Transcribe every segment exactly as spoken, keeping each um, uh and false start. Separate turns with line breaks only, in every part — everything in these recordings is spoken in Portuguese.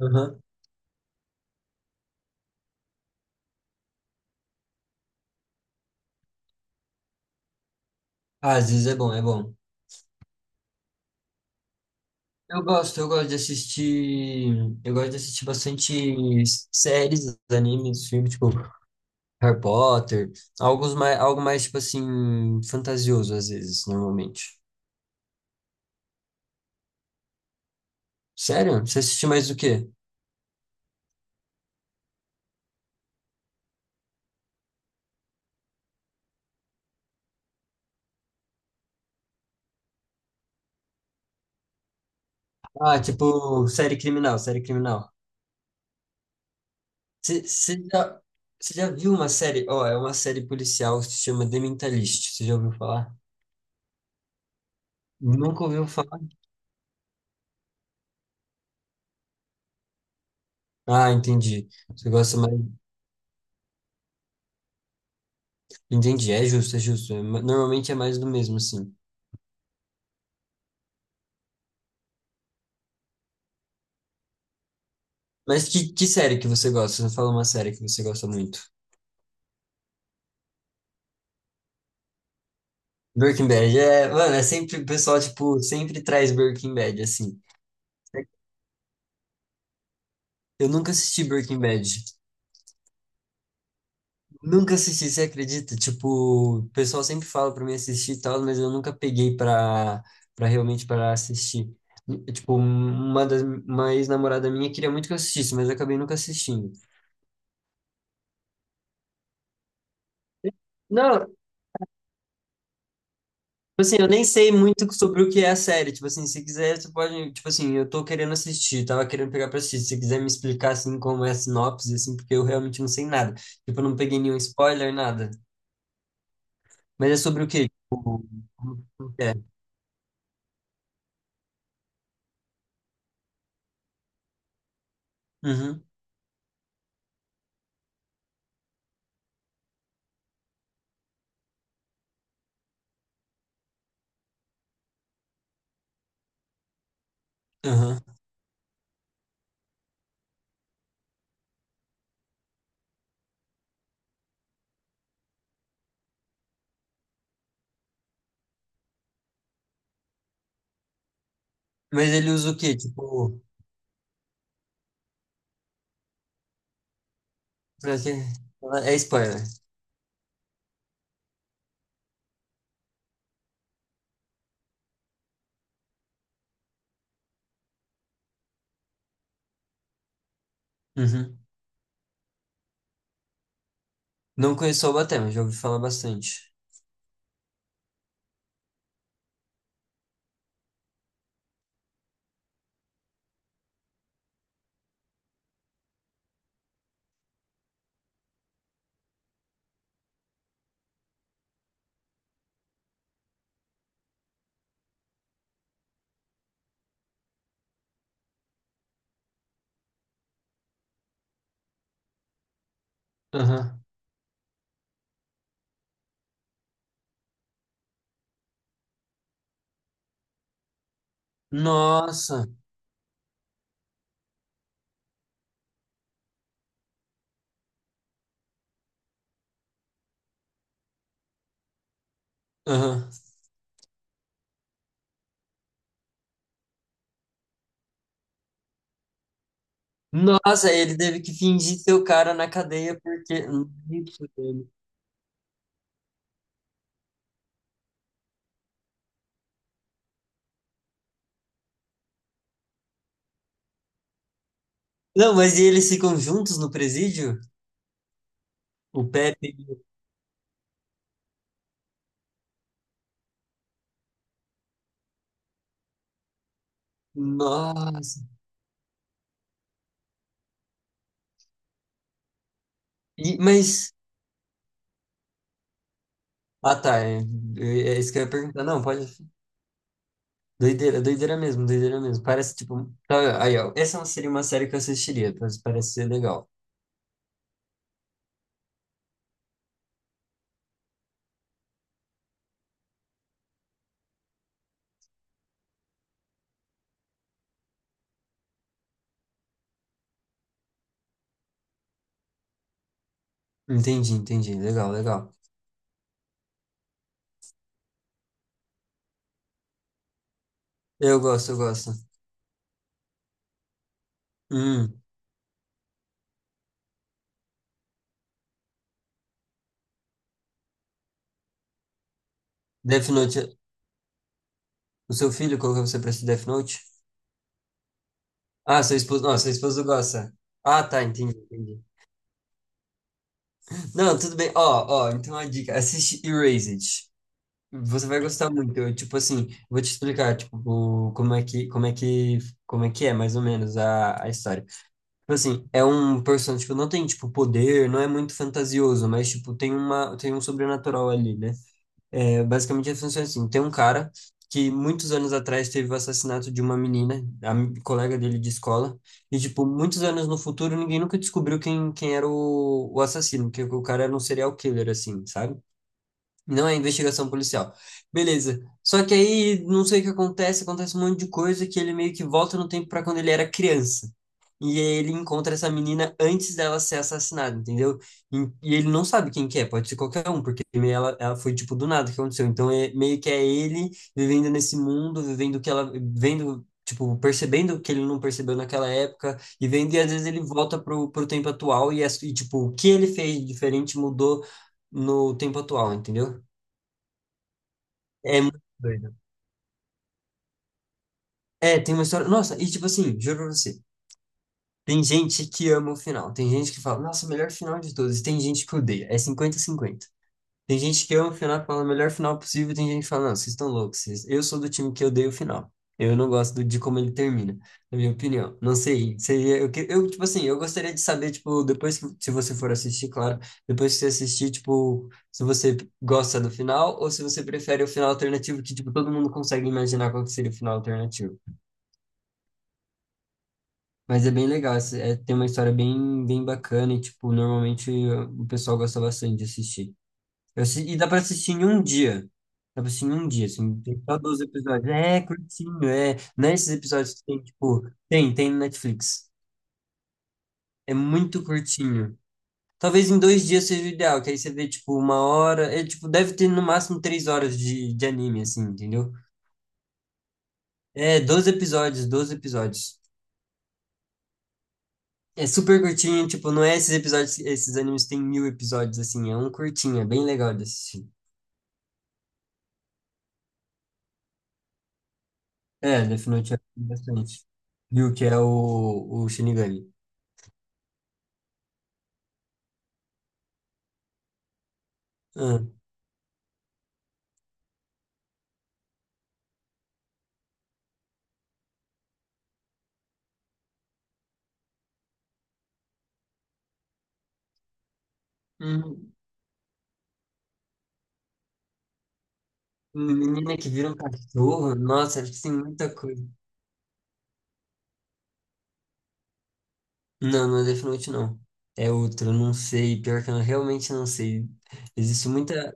Aham. Ah, às vezes é bom, é bom. Eu gosto, eu gosto de assistir. Eu gosto de assistir bastante séries, animes, filmes, tipo Harry Potter, alguns mais, algo mais, tipo assim, fantasioso, às vezes, normalmente. Sério? Você assiste mais do quê? Ah, tipo, série criminal, série criminal. Você você já, você já viu uma série? Ó, é uma série policial que se chama The Mentalist. Você já ouviu falar? Nunca ouviu falar? Ah, entendi. Você gosta mais. Entendi, é justo, é justo. É ma- Normalmente é mais do mesmo, assim. Mas que, que série que você gosta? Você fala uma série que você gosta muito. Breaking Bad, é, mano, é sempre, o pessoal, tipo, sempre traz Breaking Bad, assim. Eu nunca assisti Breaking Bad. Nunca assisti, você acredita? Tipo, o pessoal sempre fala pra mim assistir e tal, mas eu nunca peguei pra, pra realmente para assistir. Tipo, um, uma das, uma ex-namorada minha queria muito que eu assistisse, mas eu acabei nunca assistindo. Não, tipo assim, eu nem sei muito sobre o que é a série. Tipo assim, se quiser, você pode. Tipo assim, eu tô querendo assistir, tava querendo pegar pra assistir. Se você quiser me explicar, assim, como é a sinopse, assim, porque eu realmente não sei nada. Tipo, eu não peguei nenhum spoiler, nada. Mas é sobre o quê? Tipo, como que é? Uhum, uhum. Mas ele usa o quê? Tipo, pra quê? É spoiler. Uhum. Não conheço o Batman, já ouvi falar bastante. Aham. Nossa. Aham. Nossa, ele teve que fingir ser o cara na cadeia porque. Não, mas e eles ficam juntos no presídio? O Pepe. Nossa. E, mas. Ah, tá. É, é isso que eu ia perguntar. Não, pode. Doideira, doideira mesmo, doideira mesmo. Parece tipo. Tá, aí, ó. Essa seria uma série que eu assistiria. Parece, parece ser legal. Entendi, entendi. Legal, legal. Eu gosto, eu gosto. Hum. Death Note. O seu filho colocou você pra assistir Death Note? Ah, seu esposo. Não, seu esposo gosta. Ah, tá, entendi, entendi. Não, tudo bem. Ó, ó, então uma dica. Assiste Erased. Você vai gostar muito. Eu, tipo assim, vou te explicar, tipo, o- como é que, como é que, como é que é, mais ou menos, a, a história. Tipo assim, é um personagem, tipo, não tem, tipo, poder, não é muito fantasioso, mas, tipo, tem uma, tem um sobrenatural ali, né? É, basicamente, funciona assim, tem um cara que muitos anos atrás teve o assassinato de uma menina, a m- colega dele de escola, e, tipo, muitos anos no futuro, ninguém nunca descobriu quem, quem era o, o assassino, porque o cara era um serial killer, assim, sabe? Não é investigação policial. Beleza. Só que aí, não sei o que acontece, acontece um monte de coisa que ele meio que volta no tempo para quando ele era criança. E aí ele encontra essa menina antes dela ser assassinada, entendeu? E, e ele não sabe quem que é, pode ser qualquer um, porque meio ela, ela foi tipo do nada que aconteceu. Então é, meio que é ele vivendo nesse mundo, vivendo o que ela, vendo, tipo, percebendo o que ele não percebeu naquela época, e vendo, e às vezes ele volta pro, pro tempo atual e, as- e tipo, o que ele fez diferente mudou no tempo atual, entendeu? É muito doido. É, tem uma história. Nossa, e tipo assim, juro pra você. Tem gente que ama o final. Tem gente que fala, nossa, melhor final de todos. E tem gente que odeia. É cinquenta cinquenta. Tem gente que ama o final, que fala, melhor final possível. E tem gente que fala, não, vocês estão loucos. vocês- Eu sou do time que odeia o final. Eu não gosto do- de como ele termina, na minha opinião. Não sei. Seria, eu, que- eu, tipo assim, eu gostaria de saber, tipo, depois que, se você for assistir, claro. Depois que você assistir, tipo, se você gosta do final ou se você prefere o final alternativo, que, tipo, todo mundo consegue imaginar qual que seria o final alternativo. Mas é bem legal, esse- é, tem uma história bem, bem bacana e, tipo, normalmente uh, o pessoal gosta bastante de assistir. Eu assi- e dá pra assistir em um dia. Dá pra assistir em um dia, assim, tem só doze episódios. É, curtinho, é. Não é esses episódios que tem, tipo, tem, tem no Netflix. É muito curtinho. Talvez em dois dias seja o ideal, que aí você vê, tipo, uma hora. É, tipo, deve ter no máximo três horas de, de anime, assim, entendeu? É, doze episódios, doze episódios. É super curtinho, tipo, não é esses episódios, esses animes têm mil episódios, assim, é um curtinho, é bem legal de assistir. É, Death Note é bastante. Viu que é o, o Shinigami. Ah, hum, menina que vira um cachorro, nossa, acho que tem muita coisa. Não, não é Death Note, não. É outro, eu não sei, pior que eu realmente não sei. Existe muita...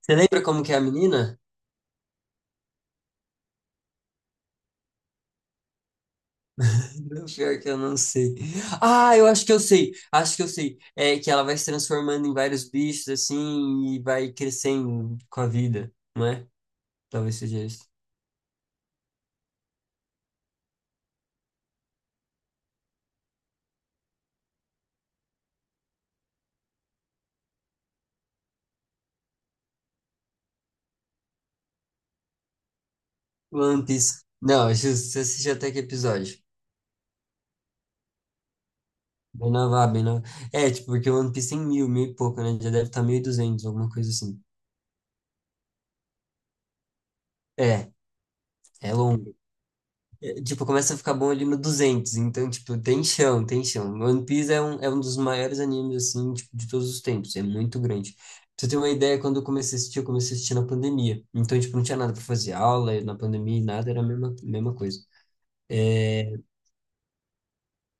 Você lembra como que é a menina? Não, pior que eu não sei. Ah, eu acho que eu sei. Acho que eu sei. É que ela vai se transformando em vários bichos assim e vai crescendo com a vida, não é? Talvez seja isso. One Piece. Não, acho que você assiste até que episódio? Bem nova, bem nova. É, tipo, porque o One Piece tem mil, mil e pouco, né? Já deve estar mil e duzentos, alguma coisa assim. É, é longo. Tipo, começa a ficar bom ali no duzentos, então, tipo, tem chão, tem chão. One Piece é um, é um dos maiores animes, assim, tipo, de todos os tempos, é muito grande. Pra você ter uma ideia, quando eu comecei a assistir, eu comecei a assistir na pandemia. Então, tipo, não tinha nada pra fazer, aula, na pandemia, nada, era a mesma, mesma coisa.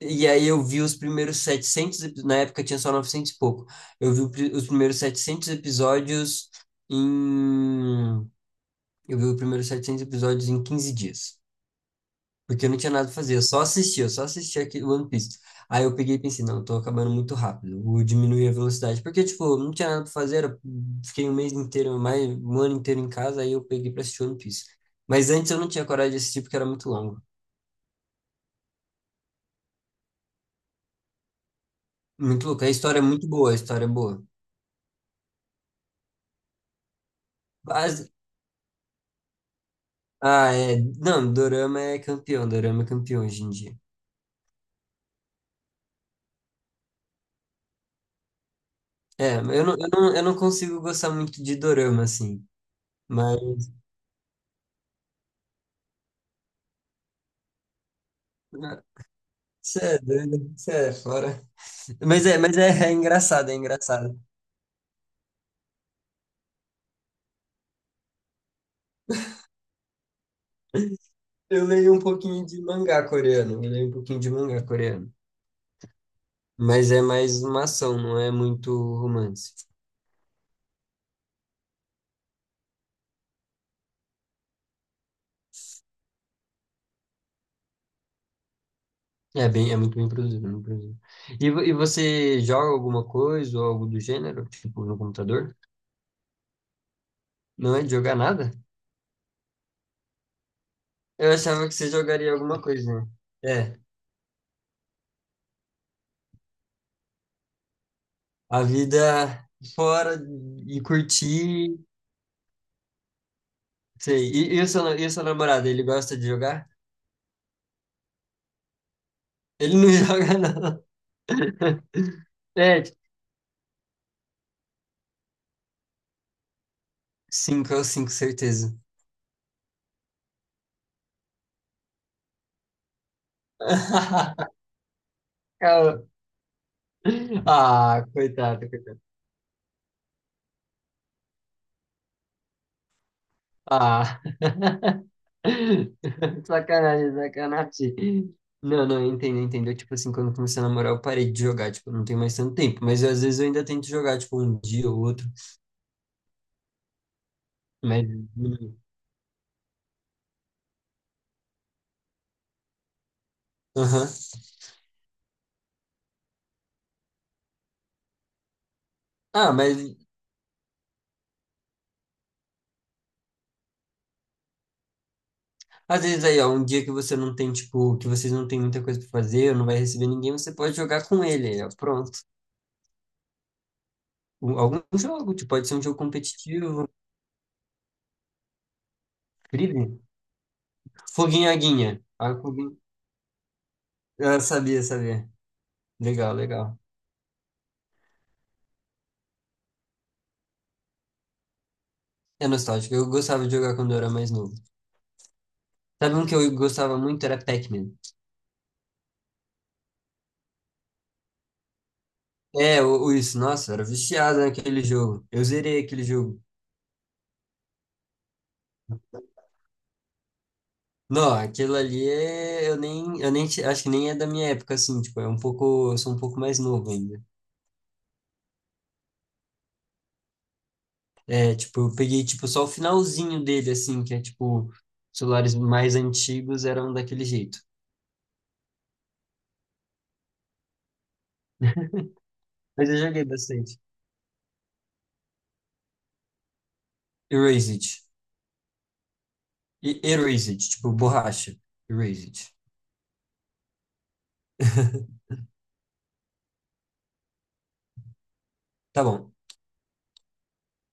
E aí eu vi os primeiros setecentos epi- na época tinha só novecentos e pouco. Eu vi o pri- os primeiros setecentos episódios em... Eu vi os primeiros setecentos episódios em quinze dias. Porque eu não tinha nada pra fazer, eu só assistia, eu só assistia aquele One Piece. Aí eu peguei e pensei, não, eu tô acabando muito rápido, vou diminuir a velocidade. Porque, tipo, eu não tinha nada pra fazer, era- fiquei um mês inteiro, mais um ano inteiro em casa, aí eu peguei pra assistir One Piece. Mas antes eu não tinha coragem de assistir porque era muito longo. Muito louco, a história é muito boa, a história é boa. Mas- ah, é, não, Dorama é campeão, Dorama é campeão hoje em dia. É, eu não, eu não, eu não consigo gostar muito de Dorama, assim, mas... Você é doido, você é fora. Mas é, mas é, é, engraçado, é engraçado. Eu leio um pouquinho de mangá coreano, eu leio um pouquinho de mangá coreano. Mas é mais uma ação, não é muito romance. É bem, é muito bem produzido, muito produzido. E, vo- e você joga alguma coisa ou algo do gênero, tipo no computador? Não é de jogar nada? Eu achava que você jogaria alguma coisa, né? É, a vida fora e curtir, sei. E, e o seu, na- e o seu namorado, ele gosta de jogar? Ele não joga, não. É, cinco é o cinco, certeza. Cara, ah, coitado, coitado. Ah. Sacanagem, sacanagem. Não, não, eu entendo, eu entendo. Eu, tipo assim, quando eu comecei a namorar, eu parei de jogar, tipo, não tem mais tanto tempo. Mas eu, às vezes eu ainda tento jogar, tipo, um dia ou outro. Mas. Hum. Aham. Ah, mas às vezes aí, ó, um dia que você não tem, tipo, que vocês não tem muita coisa pra fazer, ou não vai receber ninguém, você pode jogar com ele, aí, ó, pronto. Um- Algum jogo, tipo, pode ser um jogo competitivo, free, Foguinho Aguinha. Ah, Foguinho. Eu sabia, sabia. Legal, legal. É nostálgico. Eu gostava de jogar quando eu era mais novo. Sabe um que eu gostava muito? Era Pac-Man. É, o, o isso. Nossa, eu era viciado naquele jogo. Eu zerei aquele jogo. Não, aquilo ali é. Eu nem, eu nem. te- Acho que nem é da minha época, assim. Tipo, é um pouco. Eu sou um pouco mais novo ainda. É, tipo, eu peguei, tipo, só o finalzinho dele, assim, que é, tipo, celulares mais antigos eram daquele jeito. Mas eu joguei bastante. Erased. E Erased, tipo borracha. Erased. Tá bom.